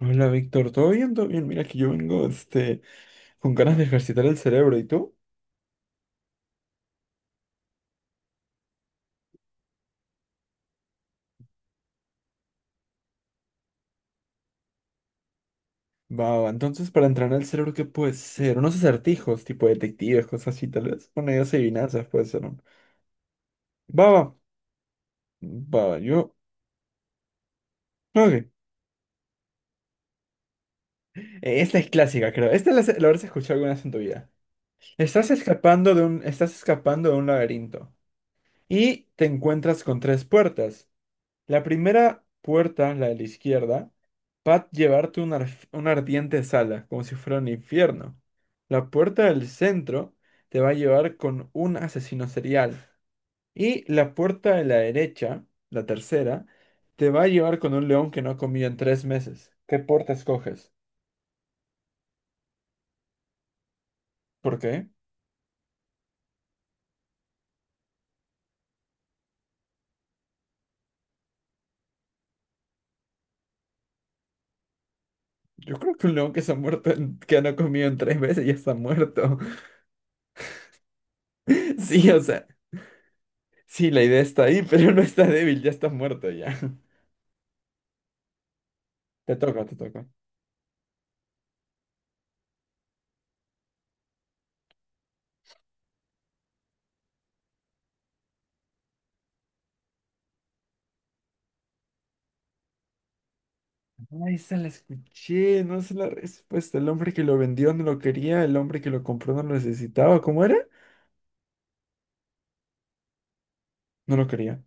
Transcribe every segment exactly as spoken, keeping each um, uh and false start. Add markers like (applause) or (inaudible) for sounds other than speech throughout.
Hola Víctor, ¿todo bien? ¿Todo bien? Mira que yo vengo este, con ganas de ejercitar el cerebro, ¿y tú? Va, va, entonces para entrenar el cerebro, ¿qué puede ser? Unos acertijos, tipo detectives, cosas así, tal vez. Bueno, ideas y adivinanzas puede ser, ¿no? Va, va, va, va, yo... Ok. Eh, esta es clásica, creo. Esta la, la habrás escuchado alguna vez en tu vida. Estás escapando de un, estás escapando de un laberinto y te encuentras con tres puertas. La primera puerta, la de la izquierda, va a llevarte a una, arf- una ardiente sala, como si fuera un infierno. La puerta del centro te va a llevar con un asesino serial. Y la puerta de la derecha, la tercera, te va a llevar con un león que no ha comido en tres meses. ¿Qué puerta escoges? ¿Por qué? Yo creo que un león que se ha muerto, en- que no ha comido en tres meses ya está muerto. (laughs) Sí, o sea, sí, la idea está ahí, pero no está débil, ya está muerto ya. (laughs) Te toca, te toca. Ahí se la escuché, no sé la respuesta. El hombre que lo vendió no lo quería, el hombre que lo compró no lo necesitaba. ¿Cómo era? No lo quería.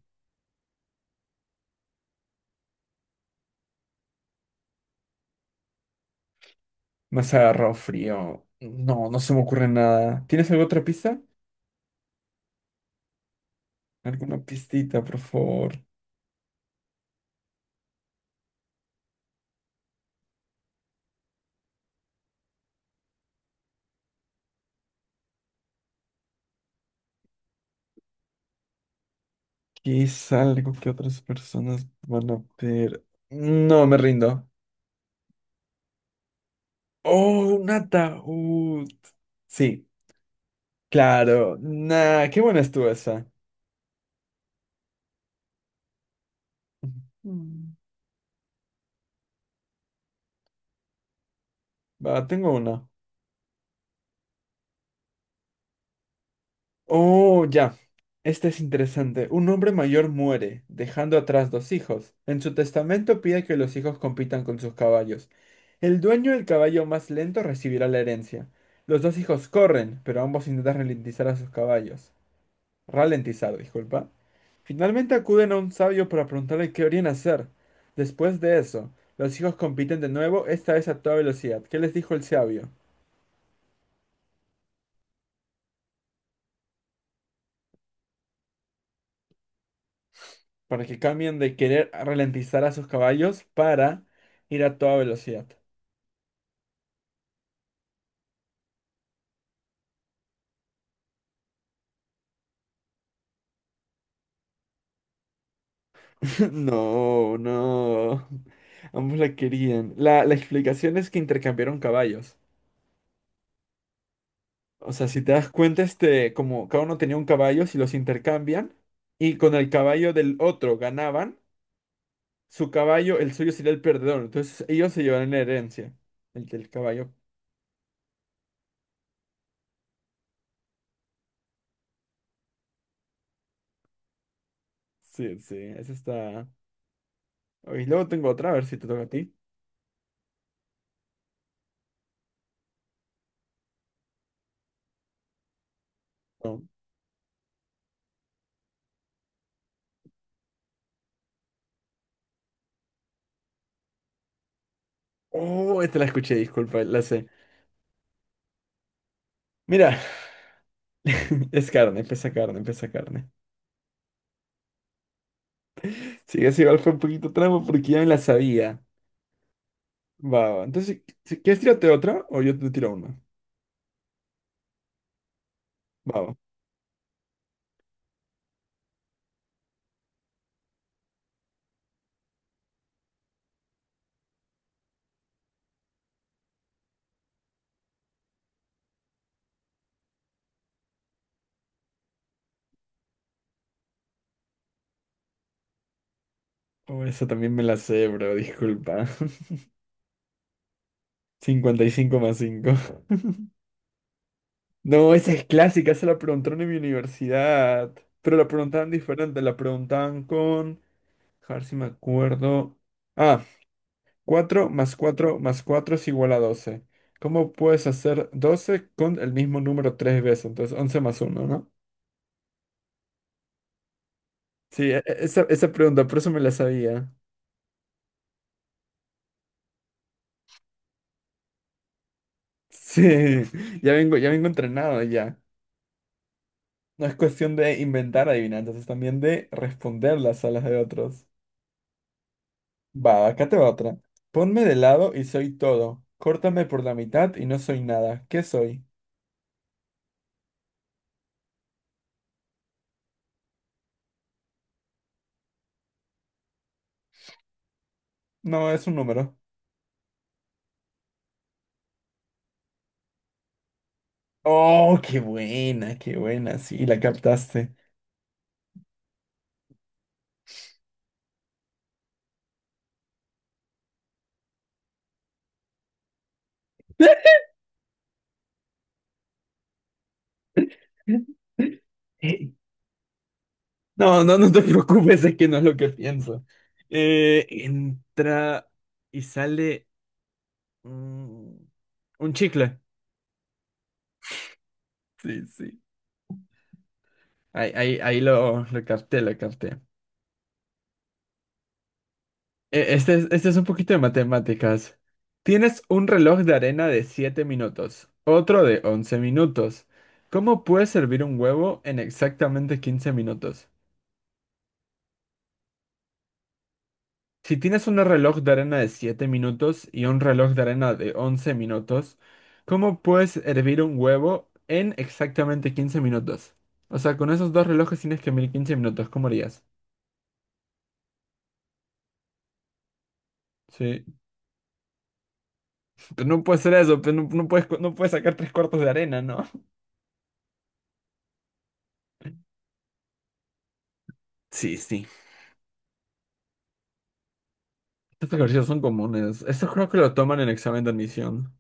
Más agarrado frío. No, no se me ocurre nada. ¿Tienes alguna otra pista? ¿Alguna pistita, por favor? ¿Qué es algo que otras personas van a ver? No, me rindo. ¡Oh, un ataúd! Sí, claro. Nah, qué buena estuvo esa. Mm. Va, tengo una. Oh, ya. Este es interesante. Un hombre mayor muere, dejando atrás dos hijos. En su testamento pide que los hijos compitan con sus caballos. El dueño del caballo más lento recibirá la herencia. Los dos hijos corren, pero ambos intentan ralentizar a sus caballos. Ralentizar, disculpa. Finalmente acuden a un sabio para preguntarle qué deberían hacer. Después de eso, los hijos compiten de nuevo, esta vez a toda velocidad. ¿Qué les dijo el sabio? Para que cambien de querer ralentizar a sus caballos para ir a toda velocidad. (laughs) No, no. Ambos la querían. La, la explicación es que intercambiaron caballos. O sea, si te das cuenta, este, como cada uno tenía un caballo, si los intercambian y con el caballo del otro ganaban, su caballo, el suyo sería el perdedor. Entonces ellos se llevarán la herencia. El del caballo. Sí, sí, esa está. Y luego tengo otra, a ver si te toca a ti. No. Oh, esta la escuché, disculpa, la sé. Mira, (laughs) es carne, pesa carne, pesa carne. Sí, ese igual fue un poquito trampa porque ya me la sabía. Va, va. Entonces, si si quieres, tírate otra o yo te tiro una. Va, va. Oh, esa también me la sé, bro, disculpa. (laughs) Cincuenta y cinco más cinco. No, esa es clásica, esa la preguntaron en mi universidad. Pero la preguntaban diferente, la preguntaban con... A ver si me acuerdo. Ah, cuatro más cuatro más cuatro es igual a doce. ¿Cómo puedes hacer doce con el mismo número tres veces? Entonces once más uno, ¿no? Sí, e- e- esa, esa pregunta, por eso me la sabía. Sí, (laughs) ya vengo, ya vengo entrenado ya. No es cuestión de inventar adivinanzas, es también de responderlas a las de otros. Va, acá te va otra. Ponme de lado y soy todo. Córtame por la mitad y no soy nada. ¿Qué soy? No, es un número. Oh, qué buena, qué buena. Sí, la captaste. (laughs) Eh, No, no, no te (laughs) preocupes, es que no es lo que pienso. Eh, entra y sale mm, un chicle. Sí, sí. Ahí, ahí, ahí lo, lo capté, lo capté. Eh, este es, este es un poquito de matemáticas. Tienes un reloj de arena de siete minutos, otro de once minutos. ¿Cómo puede servir un huevo en exactamente quince minutos? Si tienes un reloj de arena de siete minutos y un reloj de arena de once minutos, ¿cómo puedes hervir un huevo en exactamente quince minutos? O sea, con esos dos relojes tienes que medir quince minutos, ¿cómo harías? Sí, (laughs) pero no puede ser eso, pero no, no puedes, co- no puedes sacar tres cuartos de arena, ¿no? Sí, sí. Estos ejercicios son comunes. Esto creo que lo toman en examen de admisión.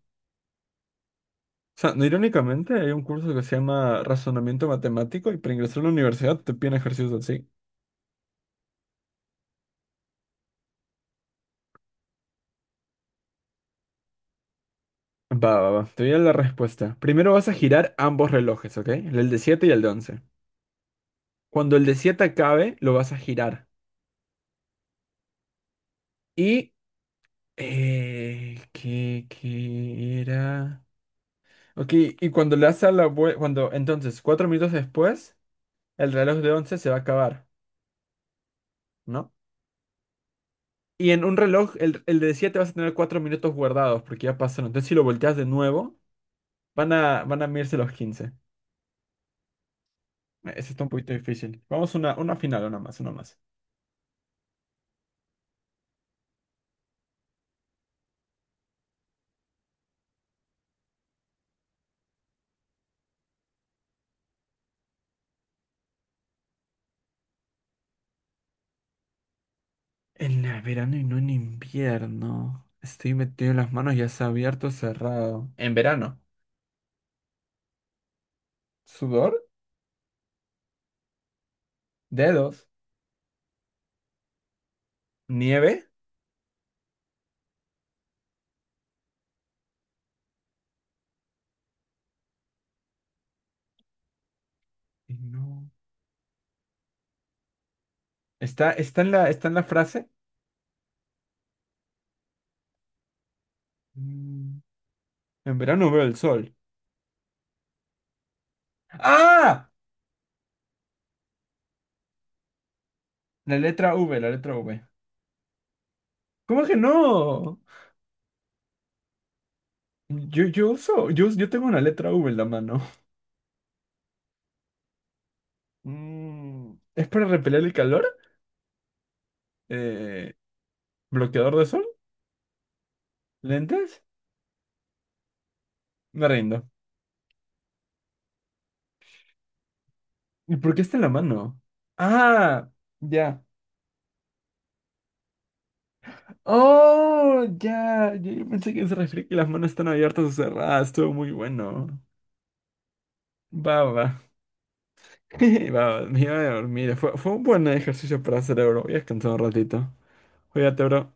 O sea, no, irónicamente hay un curso que se llama Razonamiento Matemático y para ingresar a la universidad te piden ejercicios así. Va, va, va. Te voy a dar la respuesta. Primero vas a girar ambos relojes, ¿ok? El de siete y el de once. Cuando el de siete acabe, lo vas a girar. Y... Eh, ¿qué, qué era? Ok, y cuando le das a la vuelta... Cuando, entonces, cuatro minutos después, el reloj de once se va a acabar, ¿no? Y en un reloj, el, el de siete vas a tener cuatro minutos guardados porque ya pasaron. Entonces, si lo volteas de nuevo, van a, van a medirse los quince. Eh, Eso está un poquito difícil. Vamos una, una final, una más, una más. En la verano y no en invierno. Estoy metido en las manos, ya sea abierto o cerrado. En verano. Sudor, dedos, nieve. Y no. Está, está en la, está en la frase. Mm, En verano veo el sol. ¡Ah! La letra V, la letra V. ¿Cómo que no? Yo, yo uso, yo, yo tengo una letra V en la mano. Mm, ¿Es para repeler el calor? Eh, ¿bloqueador de sol? ¿Lentes? Me rindo. ¿Y por qué está en la mano? Ah, ya. Oh, ya. Yo, yo pensé que se refería que las manos están abiertas o cerradas. Estuvo muy bueno. Va, va. Va, va. (laughs) Me iba a dormir. Fue, fue un buen ejercicio para el cerebro. Voy a descansar un ratito. Cuídate, bro.